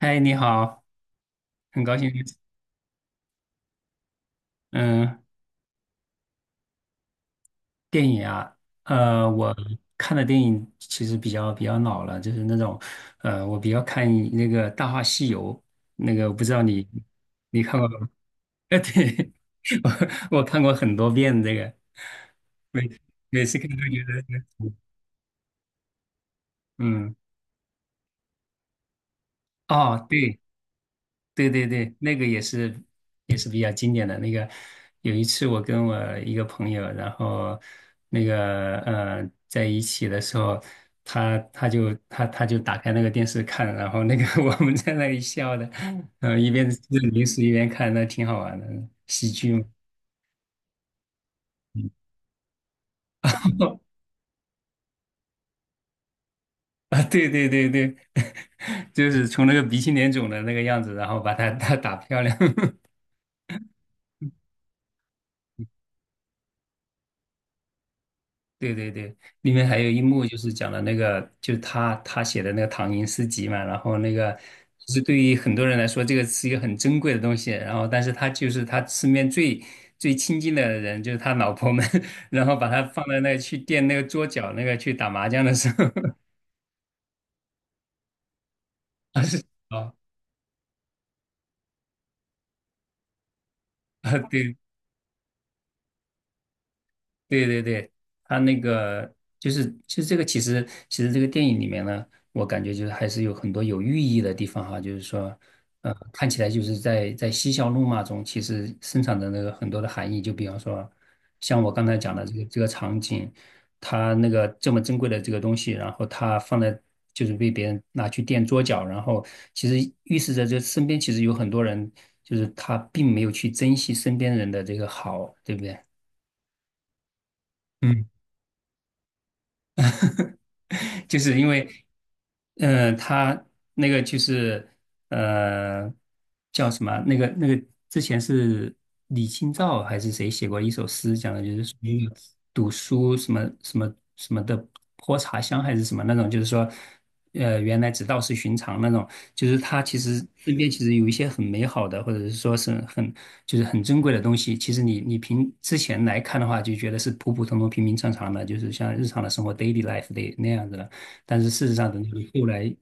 嗨，你好，很高兴认识。嗯，电影啊，我看的电影其实比较老了，就是那种，我比较看那个《大话西游》，那个我不知道你看过吗？对，我看过很多遍这个，每每次看都觉得，嗯，哦，对，对对对，那个也是比较经典的。那个有一次我跟我一个朋友，然后那个在一起的时候，他就打开那个电视看，然后那个 我们在那里笑的，一边吃着零食一边看，那挺好玩的，喜剧嘛。啊，对对对对，就是从那个鼻青脸肿的那个样子，然后把他打漂亮。对对对，里面还有一幕就是讲的那个，就是他写的那个唐寅诗集嘛，然后那个就是对于很多人来说，这个是一个很珍贵的东西，然后但是他就是他身边最亲近的人，就是他老婆们，然后把他放在那去垫那个桌角那个去打麻将的时候，他是啊啊，对对对对，他那个就是其实这个电影里面呢，我感觉就是还是有很多有寓意的地方哈，就是说，看起来就是在嬉笑怒骂中，其实生产的那个很多的含义，就比方说，像我刚才讲的这个场景，他那个这么珍贵的这个东西，然后他放在就是被别人拿去垫桌脚，然后其实预示着这身边其实有很多人，就是他并没有去珍惜身边人的这个好，对不对？嗯 就是因为，他那个就是呃，叫什么啊？那个之前是李清照还是谁写过一首诗，讲的就是属于读书什么什么什么的泼茶香还是什么那种，就是说，原来只道是寻常那种。就是他其实身边其实有一些很美好的，或者是说是很就是很珍贵的东西。其实你凭之前来看的话，就觉得是普普通通、平平常常的，就是像日常的生活 daily life 的那样子的。但是事实上，等你后来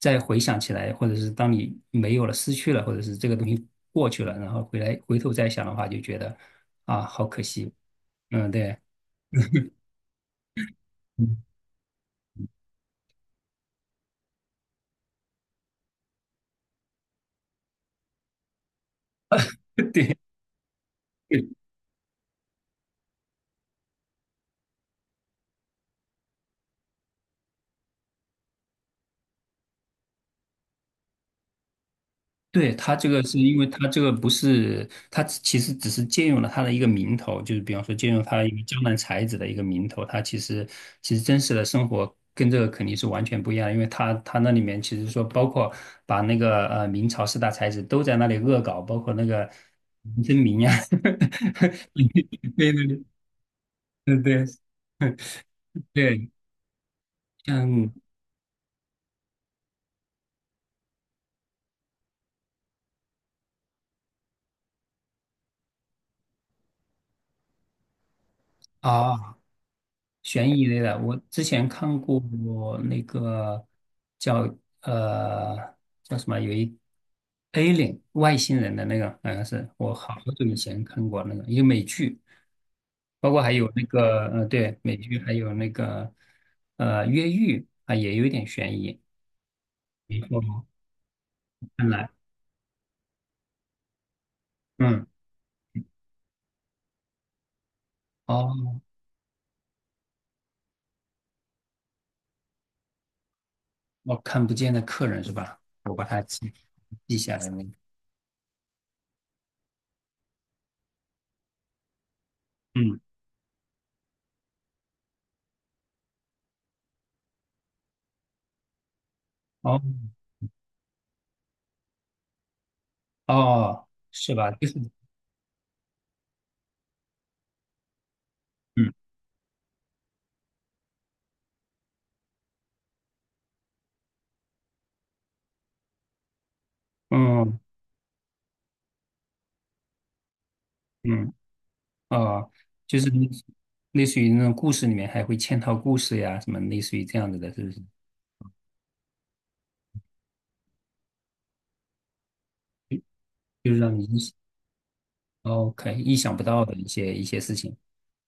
再回想起来，或者是当你没有了、失去了，或者是这个东西过去了，然后回头再想的话，就觉得啊，好可惜。嗯，对。嗯对，它这个是因为它这个不是，它其实只是借用了它的一个名头，就是比方说借用它一个江南才子的一个名头，它其实真实的生活跟这个肯定是完全不一样的因为它那里面其实说包括把那个明朝四大才子都在那里恶搞，包括那个林正明呀，对对对对对，像啊。悬疑类的，我之前看过那个叫呃叫什么，Alien 外星人的那个，好像是我好久以前看过那个一个美剧，包括还有那个对美剧，还有那个越狱啊，也有一点悬疑。没错哦，看来嗯哦，我看不见的客人是吧？我把它记下来那个嗯哦哦是吧？就是嗯嗯嗯。哦，就是类似于那种故事里面还会嵌套故事呀，什么类似于这样子的，是不是？就是让你OK 意想不到的一些事情。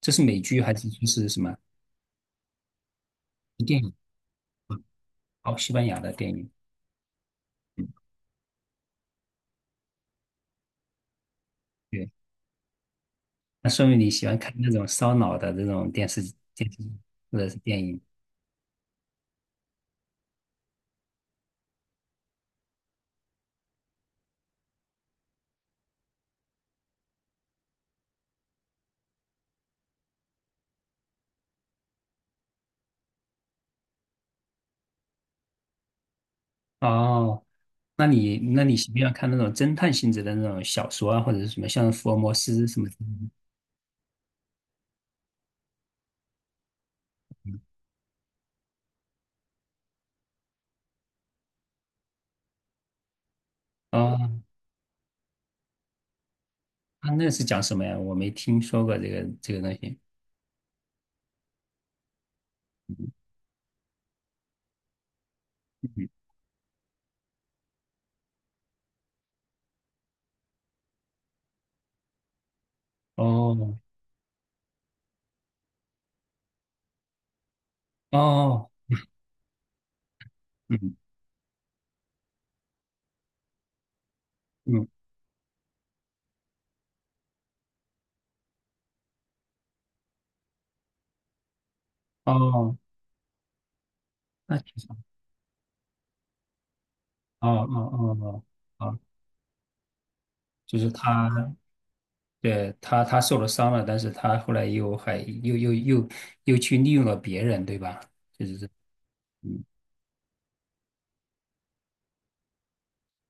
这是美剧还是就是什么电影？哦，西班牙的电影。嗯，对，那说明你喜欢看那种烧脑的这种电视剧或者是电影。哦，那你喜不喜欢看那种侦探性质的那种小说啊，或者是什么像福尔摩斯什么之类的？哦，啊，那是讲什么呀？我没听说过这个东西。哦哦，嗯嗯哦，那其实哦哦哦哦，哦，就是他，对他受了伤了，但是他后来又还又又又又去利用了别人，对吧？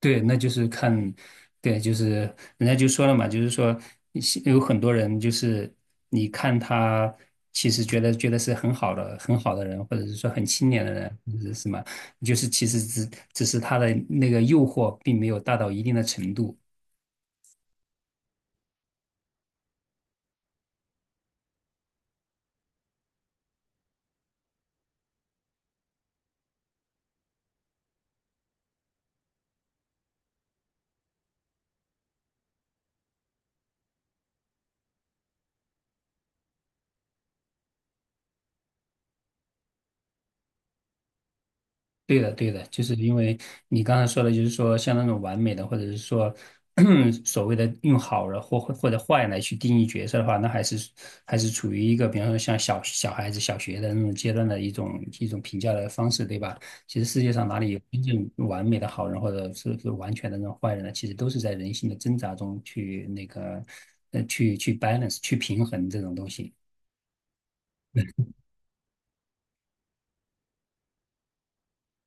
对，那就是看，对，就是人家就说了嘛，就是说是有很多人就是你看他其实觉得是很好的人，或者是说很清廉的人，或者是什么，就是其实只是他的那个诱惑并没有大到一定的程度。对的，对的，就是因为你刚才说的，就是说像那种完美的，或者是说 所谓的用好人或者坏来去定义角色的话，那还是处于一个，比方说像小孩子小学的那种阶段的一种评价的方式，对吧？其实世界上哪里有真正完美的好人，或者是完全的那种坏人呢？其实都是在人性的挣扎中去那个去 balance 去平衡这种东西。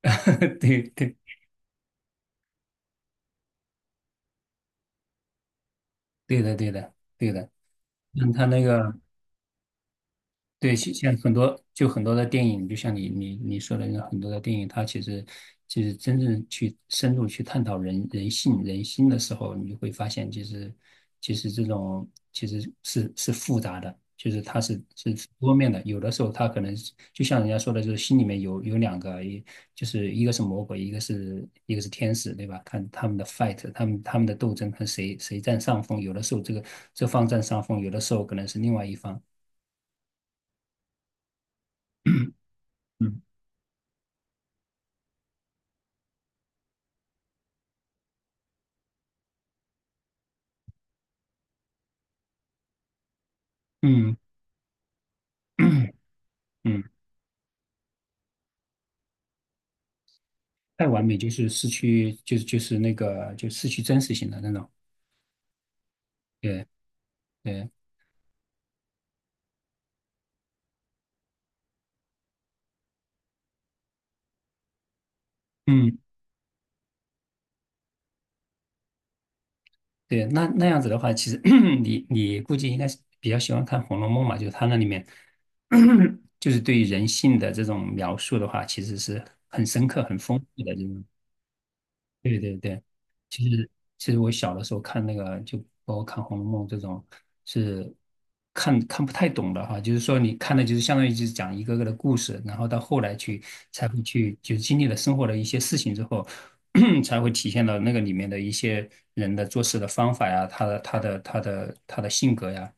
对对对的对的对的。嗯，他那个，对，其像很多就很多的电影，就像你说的那很多的电影，它其实真正去深入去探讨人性人心的时候，你就会发现，其实这种其实是复杂的，就是它是多面的。有的时候它可能是就像人家说的，就是心里面有两个，就是一个是魔鬼，一个是天使，对吧？看他们的 fight，他们的斗争，看谁占上风。有的时候这方占上风，有的时候可能是另外一方。嗯嗯 嗯，太完美就是失去，就是那个就失去真实性的那种。对对，嗯对，那样子的话，其实 你估计应该是比较喜欢看《红楼梦》嘛，就是它那里面 就是对于人性的这种描述的话，其实是很深刻、很丰富的这种。对对对。其实其实我小的时候看那个，就包括看《红楼梦》这种，是看不太懂的哈。就是说，你看的就是相当于就是讲一个个的故事，然后到后来去才会去，就是经历了生活的一些事情之后，才会体现到那个里面的一些人的做事的方法呀，他的性格呀，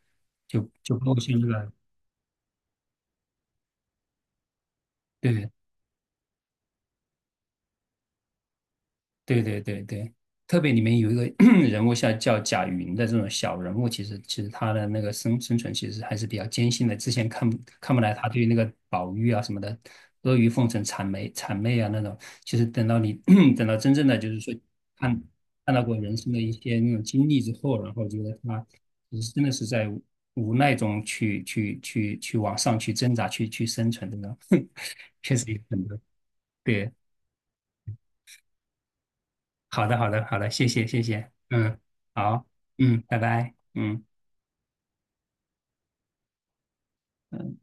就包括像这个对。对对对对，特别里面有一个 人物像叫贾云的这种小人物，其实他的那个生存其实还是比较艰辛的。之前看不来他对那个宝玉啊什么的阿谀奉承、谄媚啊那种，其实等到你 等到真正的就是说看看到过人生的一些那种经历之后，然后觉得他其实真的是在无奈中去往上去挣扎、去生存的呢，确实有很多对。好的，好的，好的，谢谢，谢谢，嗯，好，嗯，拜拜，嗯。嗯。